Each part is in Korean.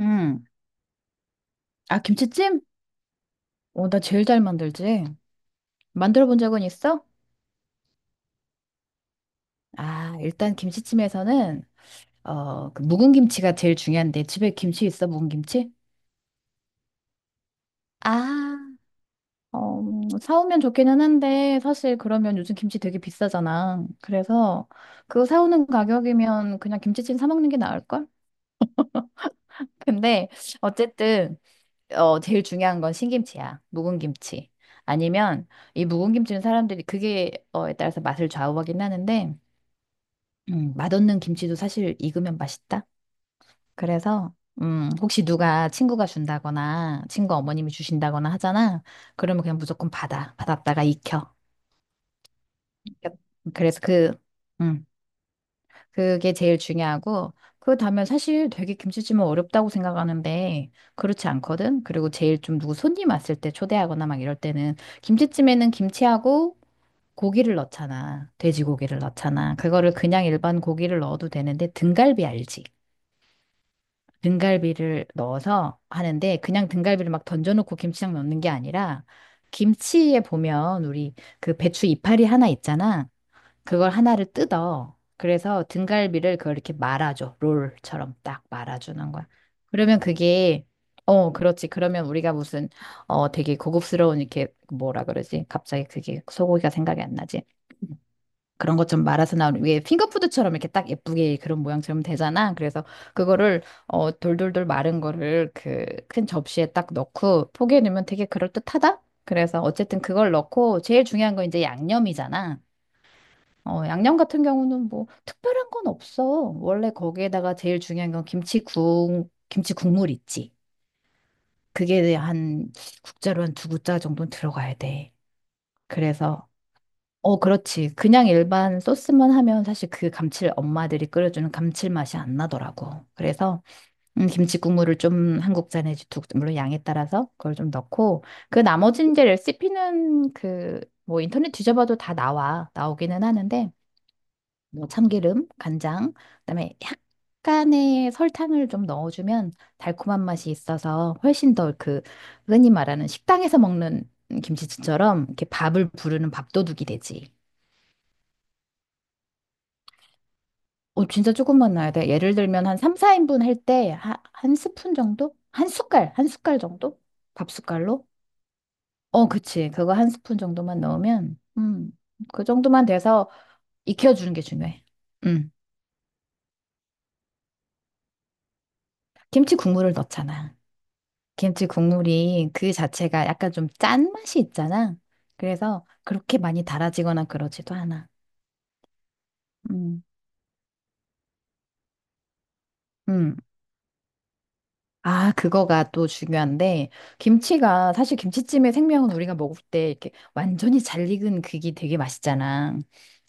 음. 아, 김치찜? 나 제일 잘 만들지. 만들어 본 적은 있어? 아, 일단 김치찜에서는, 묵은 김치가 제일 중요한데, 집에 김치 있어, 묵은 김치? 아, 사오면 좋기는 한데, 사실 그러면 요즘 김치 되게 비싸잖아. 그래서 그거 사오는 가격이면 그냥 김치찜 사 먹는 게 나을걸? 근데 어쨌든, 제일 중요한 건 신김치야. 묵은 김치. 아니면 이 묵은 김치는 사람들이 그게 어에 따라서 맛을 좌우하긴 하는데, 맛없는 김치도 사실 익으면 맛있다. 그래서 혹시 누가 친구가 준다거나 친구 어머님이 주신다거나 하잖아. 그러면 그냥 무조건 받아. 받았다가 익혀. 익혔- 그래서 그 음, 그게 제일 중요하고 그 다음에 사실 되게 김치찜은 어렵다고 생각하는데 그렇지 않거든. 그리고 제일 좀 누구 손님 왔을 때 초대하거나 막 이럴 때는 김치찜에는 김치하고 고기를 넣잖아. 돼지고기를 넣잖아. 그거를 그냥 일반 고기를 넣어도 되는데 등갈비 알지? 등갈비를 넣어서 하는데 그냥 등갈비를 막 던져놓고 김치장 넣는 게 아니라 김치에 보면 우리 배추 이파리 하나 있잖아. 그걸 하나를 뜯어. 그래서 등갈비를 그걸 이렇게 말아줘. 롤처럼 딱 말아주는 거야. 그러면 그게 그렇지. 그러면 우리가 무슨 되게 고급스러운 이렇게 뭐라 그러지? 갑자기 그게 소고기가 생각이 안 나지. 그런 것 좀 말아서 나온 위에 핑거푸드처럼 이렇게 딱 예쁘게 그런 모양처럼 되잖아. 그래서 그거를 돌돌돌 마른 거를 그 큰 접시에 딱 넣고 포기해 놓으면 되게 그럴듯하다. 그래서 어쨌든 그걸 넣고 제일 중요한 건 이제 양념이잖아. 양념 같은 경우는 뭐 특별한 건 없어. 원래 거기에다가 제일 중요한 건 김치 국물 있지. 그게 한 국자로 한 두 국자 정도는 들어가야 돼. 그래서 어, 그렇지. 그냥 일반 소스만 하면 사실 그 감칠 엄마들이 끓여주는 감칠맛이 안 나더라고. 그래서 김치 국물을 좀 한국자 에지 두, 물론 양에 따라서 그걸 좀 넣고 그 나머지 이제 레시피는 뭐 인터넷 뒤져봐도 다 나와. 나오기는 하는데 뭐 참기름, 간장, 그다음에 약간의 설탕을 좀 넣어주면 달콤한 맛이 있어서 훨씬 더 흔히 말하는 식당에서 먹는 김치찌처럼 이렇게 밥을 부르는 밥도둑이 되지. 어, 진짜 조금만 넣어야 돼. 예를 들면 한 3, 4인분 할 때 한 스푼 정도? 한 숟갈, 한 숟갈 정도? 밥 숟갈로? 어, 그치. 그거 한 스푼 정도만 넣으면, 그 정도만 돼서 익혀주는 게 중요해. 음, 김치 국물을 넣잖아. 김치 국물이 그 자체가 약간 좀 짠맛이 있잖아. 그래서 그렇게 많이 달아지거나 그러지도 않아. 음, 음, 아, 그거가 또 중요한데, 김치가, 사실 김치찜의 생명은 우리가 먹을 때 이렇게 완전히 잘 익은 그게 되게 맛있잖아.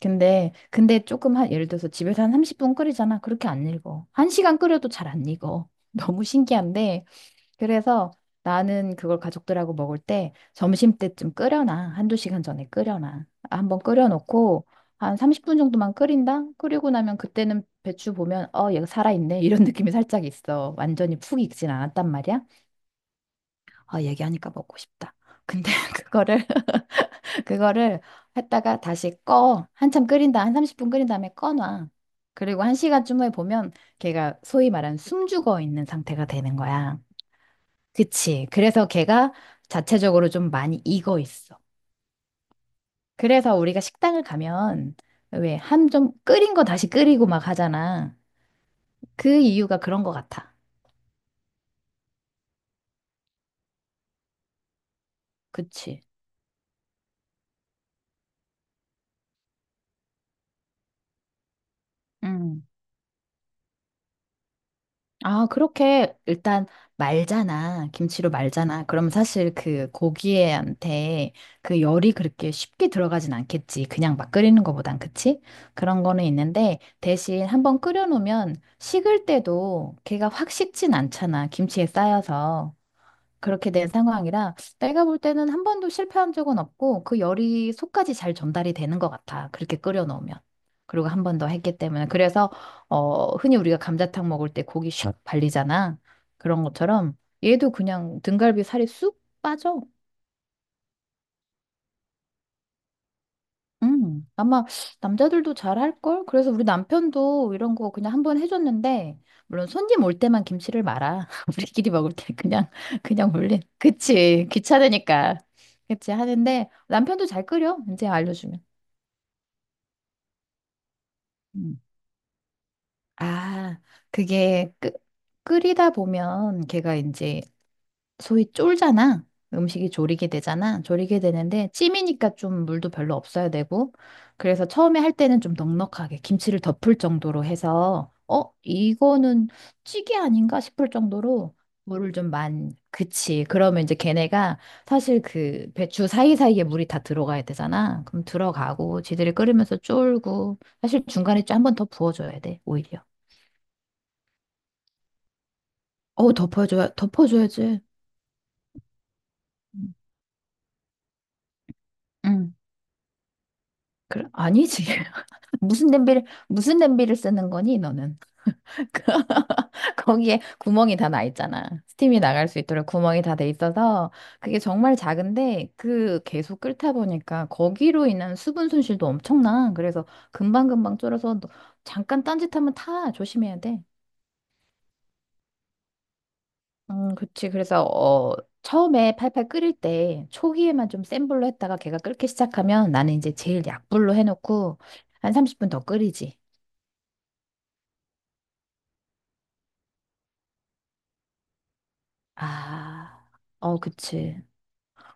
근데 조금 한, 예를 들어서 집에서 한 30분 끓이잖아. 그렇게 안 익어. 한시간 끓여도 잘 안 익어. 너무 신기한데, 그래서 나는 그걸 가족들하고 먹을 때 점심 때쯤 끓여놔. 한두 시간 전에 끓여놔. 한번 끓여놓고 한 30분 정도만 끓인다? 끓이고 나면 그때는 배추 보면 어, 얘가 살아있네. 이런 느낌이 살짝 있어. 완전히 푹 익진 않았단 말이야. 아, 얘기하니까 먹고 싶다. 근데 그거를, 그거를 했다가 다시 꺼. 한참 끓인다. 한 30분 끓인 다음에 꺼놔. 그리고 한 시간쯤 후에 보면 걔가 소위 말하는 숨죽어 있는 상태가 되는 거야. 그치. 그래서 걔가 자체적으로 좀 많이 익어 있어. 그래서 우리가 식당을 가면 왜 한 좀 끓인 거 다시 끓이고 막 하잖아. 그 이유가 그런 것 같아. 그치. 음. 아, 그렇게 일단 말잖아. 김치로 말잖아. 그럼 사실 그 고기한테 그 열이 그렇게 쉽게 들어가진 않겠지. 그냥 막 끓이는 거보단. 그치? 그런 거는 있는데 대신 한번 끓여놓으면 식을 때도 걔가 확 식진 않잖아. 김치에 쌓여서. 그렇게 된 상황이라 내가 볼 때는 한 번도 실패한 적은 없고 그 열이 속까지 잘 전달이 되는 것 같아. 그렇게 끓여 놓으면. 그리고 한 번 더 했기 때문에. 그래서 흔히 우리가 감자탕 먹을 때 고기 슉 발리잖아. 그런 것처럼 얘도 그냥 등갈비 살이 쑥 빠져. 아마 남자들도 잘 할걸? 그래서 우리 남편도 이런 거 그냥 한번 해줬는데, 물론 손님 올 때만 김치를 말아. 우리끼리 먹을 때 그냥, 그냥 몰래. 그치, 귀찮으니까. 그치, 하는데, 남편도 잘 끓여, 이제 알려주면. 음. 아, 그게 끓, 끓이다 보면 걔가 이제 소위 쫄잖아. 음식이 졸이게 되잖아. 졸이게 되는데 찜이니까 좀 물도 별로 없어야 되고. 그래서 처음에 할 때는 좀 넉넉하게 김치를 덮을 정도로 해서 어, 이거는 찌개 아닌가 싶을 정도로 물을 좀 많이 그치. 그러면 이제 걔네가 사실 그 배추 사이사이에 물이 다 들어가야 되잖아. 그럼 들어가고 지들이 끓으면서 쫄고 사실 중간에 한 번 더 부어줘야 돼, 오히려. 덮어줘야지. 음. 응. 그래, 아니지. 무슨 냄비를 쓰는 거니 너는? 그- 거기에 구멍이 다 나 있잖아. 스팀이 나갈 수 있도록 구멍이 다 돼 있어서 그게 정말 작은데 그 계속 끓다 보니까 거기로 인한 수분 손실도 엄청나. 그래서 금방금방 졸아서 너- 잠깐 딴짓하면 타. 조심해야 돼. 그치. 그래서 처음에 팔팔 끓일 때 초기에만 좀 센 불로 했다가 걔가 끓기 시작하면 나는 이제 제일 약불로 해놓고 한 30분 더 끓이지. 아, 어, 그치.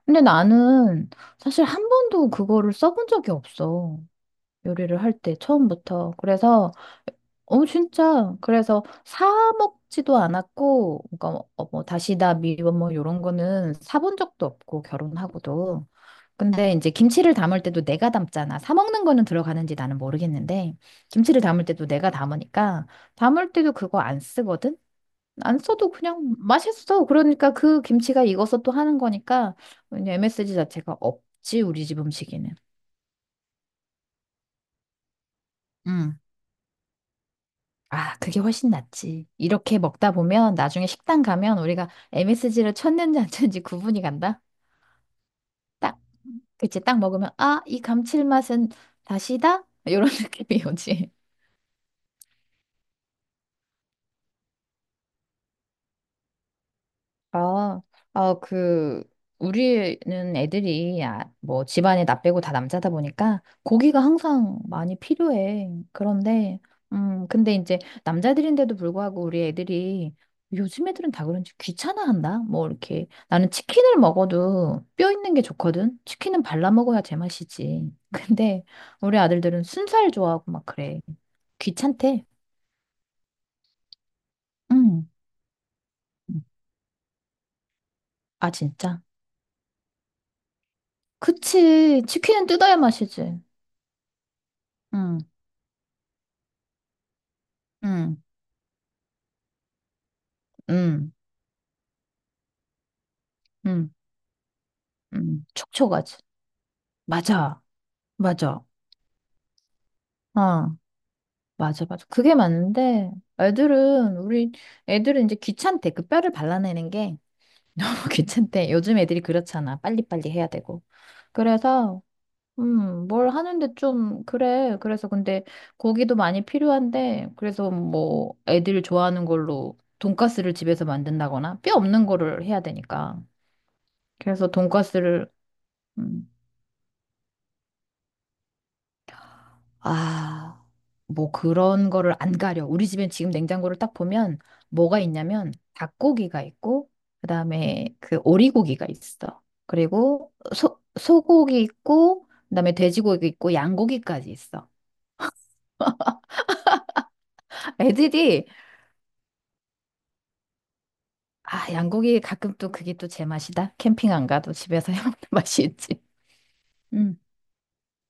근데 나는 사실 한 번도 그거를 써본 적이 없어. 요리를 할 때, 처음부터. 그래서, 어, 진짜. 그래서 사 먹지도 않았고, 그러니까 뭐, 어, 뭐 다시다, 미원 뭐, 요런 거는 사본 적도 없고, 결혼하고도. 근데 이제 김치를 담을 때도 내가 담잖아. 사 먹는 거는 들어가는지 나는 모르겠는데, 김치를 담을 때도 내가 담으니까, 담을 때도 그거 안 쓰거든? 안 써도 그냥 맛있어. 그러니까 그 김치가 익어서 또 하는 거니까 그냥 MSG 자체가 없지, 우리 집 음식에는. 음. 아, 그게 훨씬 낫지. 이렇게 먹다 보면 나중에 식당 가면 우리가 MSG를 쳤는지 안 쳤는지 구분이 간다. 딱, 그치, 딱 먹으면 아, 이 감칠맛은 다시다? 이런 느낌이 오지. 아, 아, 그, 우리는 애들이, 집안에 나 빼고 다 남자다 보니까 고기가 항상 많이 필요해. 그런데, 근데 이제 남자들인데도 불구하고 우리 애들이 요즘 애들은 다 그런지 귀찮아한다? 뭐, 이렇게. 나는 치킨을 먹어도 뼈 있는 게 좋거든? 치킨은 발라 먹어야 제맛이지. 근데 우리 아들들은 순살 좋아하고 막 그래. 귀찮대. 음. 아, 진짜? 그치. 치킨은 뜯어야 맛이지. 음. 응, 응, 응, 응. 촉촉하지. 맞아, 맞아. 어, 맞아, 맞아. 그게 맞는데, 우리 애들은 이제 귀찮대. 그 뼈를 발라내는 게 귀찮대. 요즘 애들이 그렇잖아. 빨리빨리 해야 되고. 그래서, 뭘 하는데 좀, 그래. 그래서 근데 고기도 많이 필요한데, 그래서 뭐, 애들 좋아하는 걸로 돈가스를 집에서 만든다거나, 뼈 없는 거를 해야 되니까. 그래서 돈가스를, 음, 아, 뭐 그런 거를 안 가려. 우리 집엔 지금 냉장고를 딱 보면 뭐가 있냐면 닭고기가 있고, 그다음에 그 오리고기가 있어. 그리고 소, 소고기 있고, 그다음에 돼지고기 있고, 양고기까지 있어. 애들이, 아, 양고기 가끔 또 그게 또 제 맛이다. 캠핑 안 가도 집에서 해먹는 맛이 있지. 음.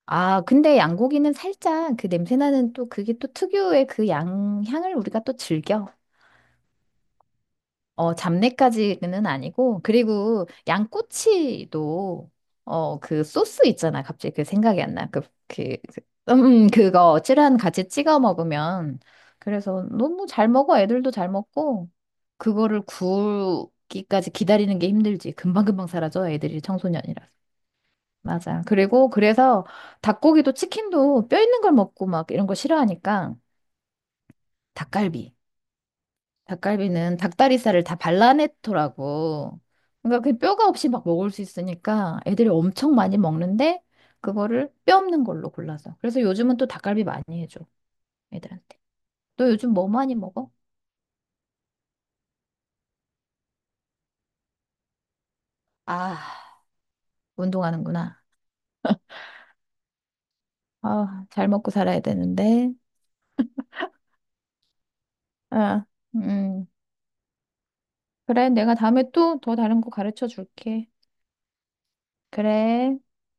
아, 근데 양고기는 살짝 그 냄새 나는 또 그게 또 특유의 그 양, 향을 우리가 또 즐겨. 어, 잡내까지는 아니고, 그리고 양꼬치도, 소스 있잖아. 갑자기 그 생각이 안 나. 그, 그, 그거 찌란 같이 찍어 먹으면. 그래서 너무 잘 먹어. 애들도 잘 먹고, 그거를 구우기까지 기다리는 게 힘들지. 금방금방 사라져. 애들이 청소년이라서. 맞아. 그리고 그래서 닭고기도 치킨도 뼈 있는 걸 먹고 막 이런 거 싫어하니까 닭갈비. 닭갈비는 닭다리살을 다 발라냈더라고. 그러니까 그 뼈가 없이 막 먹을 수 있으니까 애들이 엄청 많이 먹는데 그거를 뼈 없는 걸로 골라서. 그래서 요즘은 또 닭갈비 많이 해줘 애들한테. 너 요즘 뭐 많이 먹어? 아, 운동하는구나. 아, 잘 먹고 살아야 되는데. 아, 음. 그래, 내가 다음에 또 더 다른 거 가르쳐 줄게. 그래.